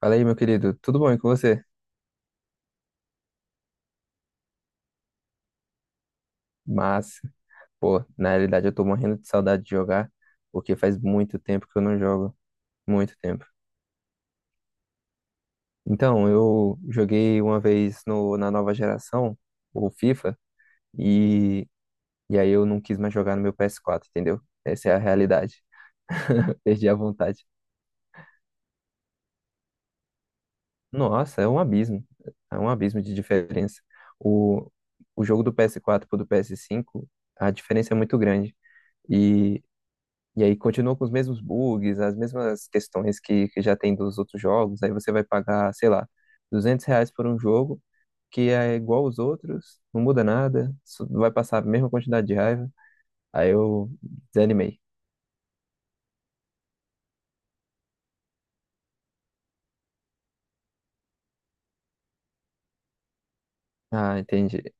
Fala aí, meu querido, tudo bom e com você? Mas, pô, na realidade eu tô morrendo de saudade de jogar, porque faz muito tempo que eu não jogo, muito tempo. Então, eu joguei uma vez no, na nova geração, o FIFA, e, e aí eu não quis mais jogar no meu PS4, entendeu? Essa é a realidade, perdi a vontade. Nossa, é um abismo de diferença. O, o jogo do PS4 pro do PS5, a diferença é muito grande. E E aí continua com os mesmos bugs, as mesmas questões que já tem dos outros jogos. Aí você vai pagar, sei lá, R$ 200 por um jogo que é igual aos outros, não muda nada, só vai passar a mesma quantidade de raiva. Aí eu desanimei. Ah, entendi.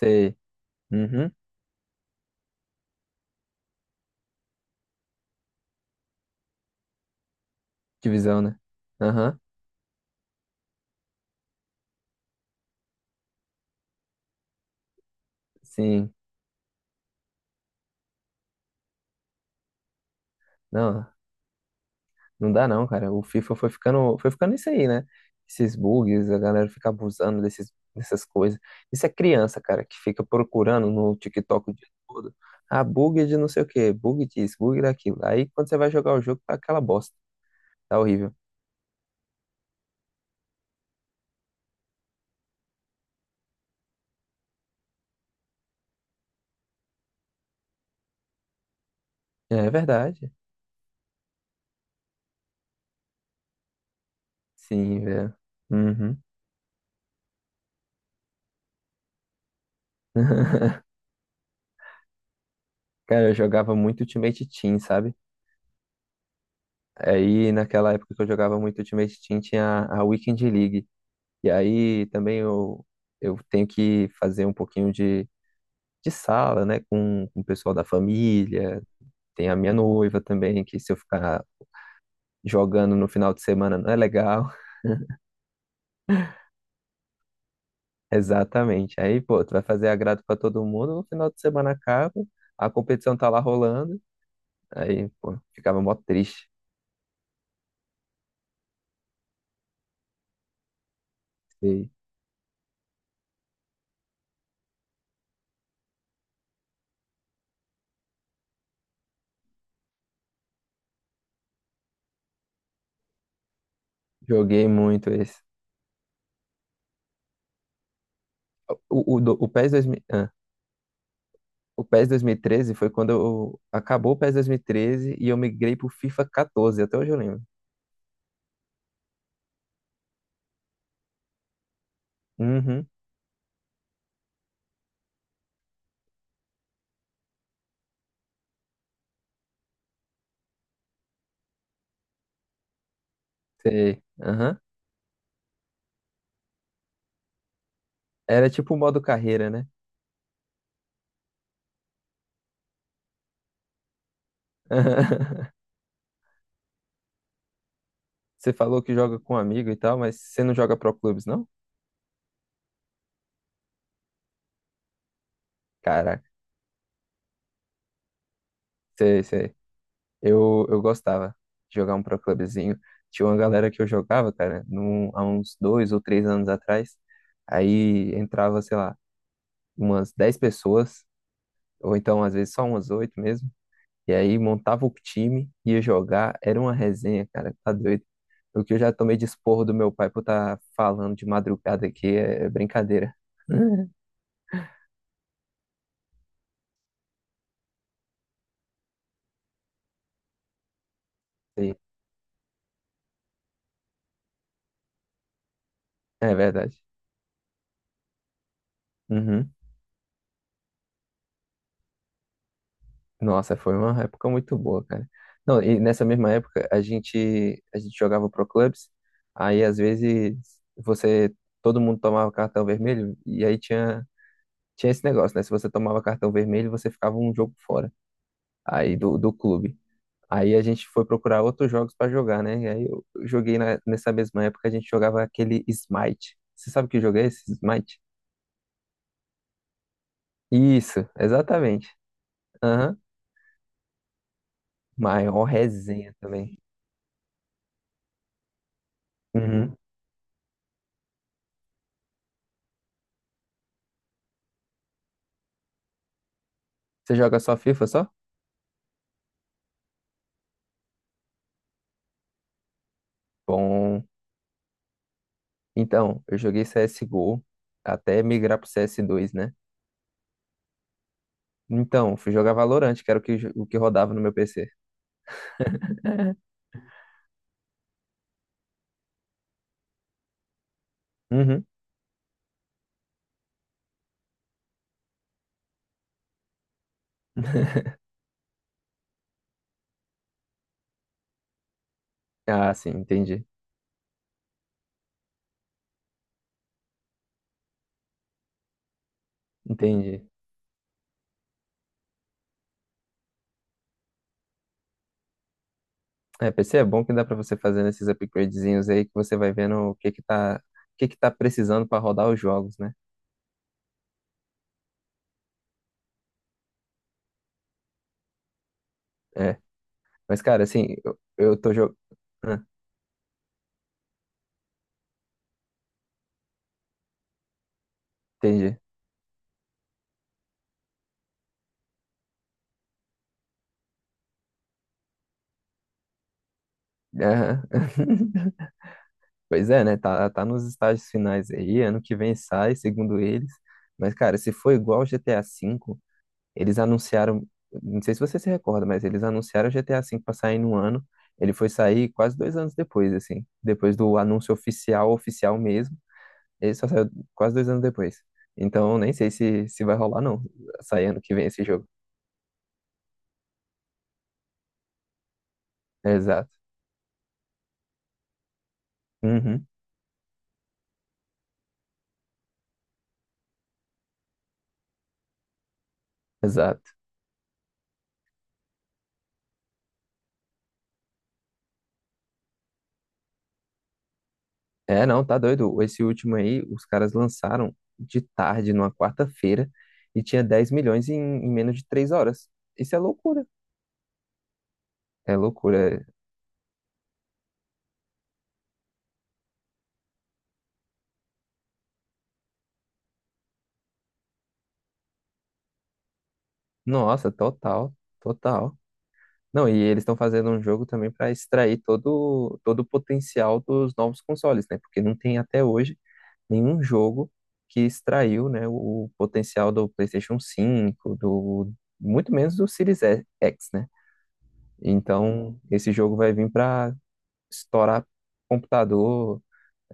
Sei. Uhum. Divisão, né? Aham. Sim. Não. Não dá não, cara. O FIFA foi ficando isso aí, né? Esses bugs, a galera fica abusando dessas coisas. Isso é criança, cara, que fica procurando no TikTok o dia todo. Ah, bug de não sei o quê, bug disso, bug daquilo. Aí quando você vai jogar o jogo, tá aquela bosta. Tá horrível. É verdade. Sim, velho. Uhum. Cara, eu jogava muito Ultimate Team, sabe? Aí naquela época que eu jogava muito Ultimate Team tinha a Weekend League. E aí também eu tenho que fazer um pouquinho de sala, né, com o pessoal da família. Tem a minha noiva também, que se eu ficar jogando no final de semana não é legal. Exatamente. Aí, pô, tu vai fazer agrado pra todo mundo, no final de semana acaba, a competição tá lá rolando. Aí, pô, ficava mó triste. E joguei muito esse. O PES 2000, o PES 2013 foi quando acabou o PES 2013 e treze e eu migrei pro FIFA 14, até hoje eu lembro. Uhum, sei. Aham. Era tipo o modo carreira, né? Você falou que joga com um amigo e tal, mas você não joga pro clubes, não? Caraca, sei, sei. Eu gostava de jogar um pro clubezinho. Tinha uma galera que eu jogava, cara, há uns 2 ou 3 anos atrás. Aí entrava, sei lá, umas 10 pessoas, ou então às vezes só umas oito mesmo. E aí montava o time, ia jogar. Era uma resenha, cara, tá doido. O que eu já tomei de esporro do meu pai por estar falando de madrugada aqui é brincadeira. Sei. É verdade. Uhum. Nossa, foi uma época muito boa, cara. Não, e nessa mesma época a gente jogava pro clubes, aí às vezes você todo mundo tomava cartão vermelho e aí tinha esse negócio, né? Se você tomava cartão vermelho, você ficava um jogo fora aí do clube. Aí a gente foi procurar outros jogos pra jogar, né? E aí eu joguei nessa mesma época a gente jogava aquele Smite. Você sabe que jogo é esse? Smite? Isso, exatamente. Aham. Maior resenha também. Uhum. Você joga só FIFA só? Bom, então, eu joguei CSGO até migrar pro CS2, né? Então, fui jogar Valorant, que era o que rodava no meu PC. Uhum. Ah, sim, entendi. Entendi. É, PC é bom que dá pra você fazer esses upgradezinhos aí que você vai vendo o que que tá, o que que tá precisando pra rodar os jogos, né? É. Mas, cara, assim, eu tô jogando. Entendi. Aham. Pois é, né? Tá nos estágios finais aí. Ano que vem sai, segundo eles. Mas, cara, se for igual ao GTA V. Eles anunciaram, não sei se você se recorda, mas eles anunciaram o GTA V para sair no ano. Ele foi sair quase 2 anos depois, assim. Depois do anúncio oficial, oficial mesmo. Ele só saiu quase 2 anos depois. Então, nem sei se vai rolar, não. Sair ano que vem esse jogo. Exato. Uhum, exato. É, não, tá doido. Esse último aí, os caras lançaram de tarde, numa quarta-feira, e tinha 10 milhões em menos de 3 horas. Isso é loucura. É loucura. Nossa, total, total. Não, e eles estão fazendo um jogo também para extrair todo, todo o potencial dos novos consoles, né? Porque não tem até hoje nenhum jogo que extraiu, né, o potencial do PlayStation 5, do muito menos do Series X, né? Então, esse jogo vai vir para estourar computador,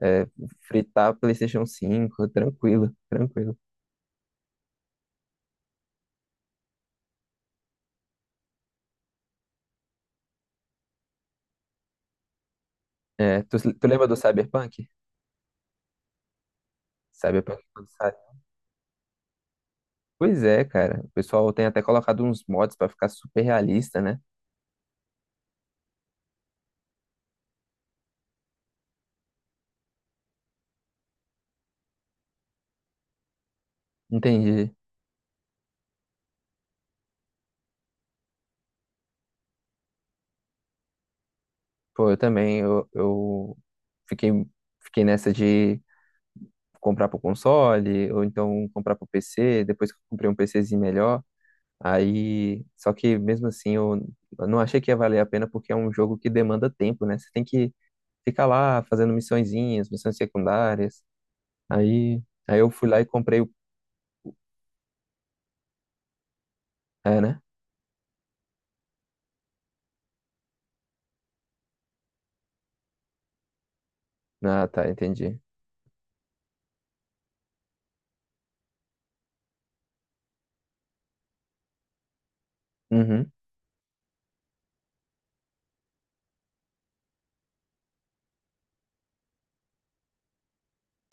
é, fritar PlayStation 5, tranquilo, tranquilo. É, tu lembra do Cyberpunk? Cyberpunk quando sai. Pois é, cara. O pessoal tem até colocado uns mods para ficar super realista, né? Entendi. Pô, eu também, eu fiquei, fiquei nessa de comprar pro console, ou então comprar pro PC, depois que eu comprei um PCzinho melhor, aí, só que mesmo assim eu não achei que ia valer a pena porque é um jogo que demanda tempo, né? Você tem que ficar lá fazendo missõezinhas, missões secundárias, aí, aí eu fui lá e comprei o... É, né? Ah, tá, entendi. Uhum.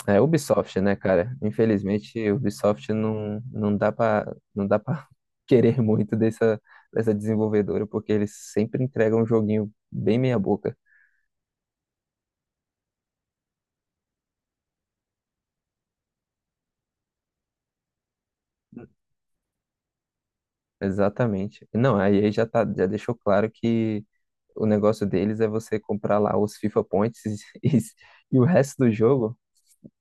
É Ubisoft, né, cara? Infelizmente, Ubisoft não dá pra não dá para querer muito dessa desenvolvedora, porque eles sempre entregam um joguinho bem meia boca. Exatamente. Não, a EA já deixou claro que o negócio deles é você comprar lá os FIFA Points, e, e o resto do jogo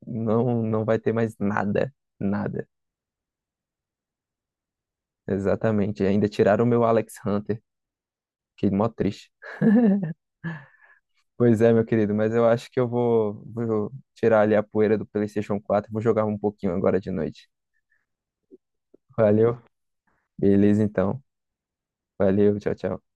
não vai ter mais nada, nada. Exatamente. E ainda tiraram o meu Alex Hunter, que é mó triste. Pois é, meu querido, mas eu acho que eu vou tirar ali a poeira do PlayStation 4 e vou jogar um pouquinho agora de noite. Valeu? Beleza, então. Valeu, tchau, tchau.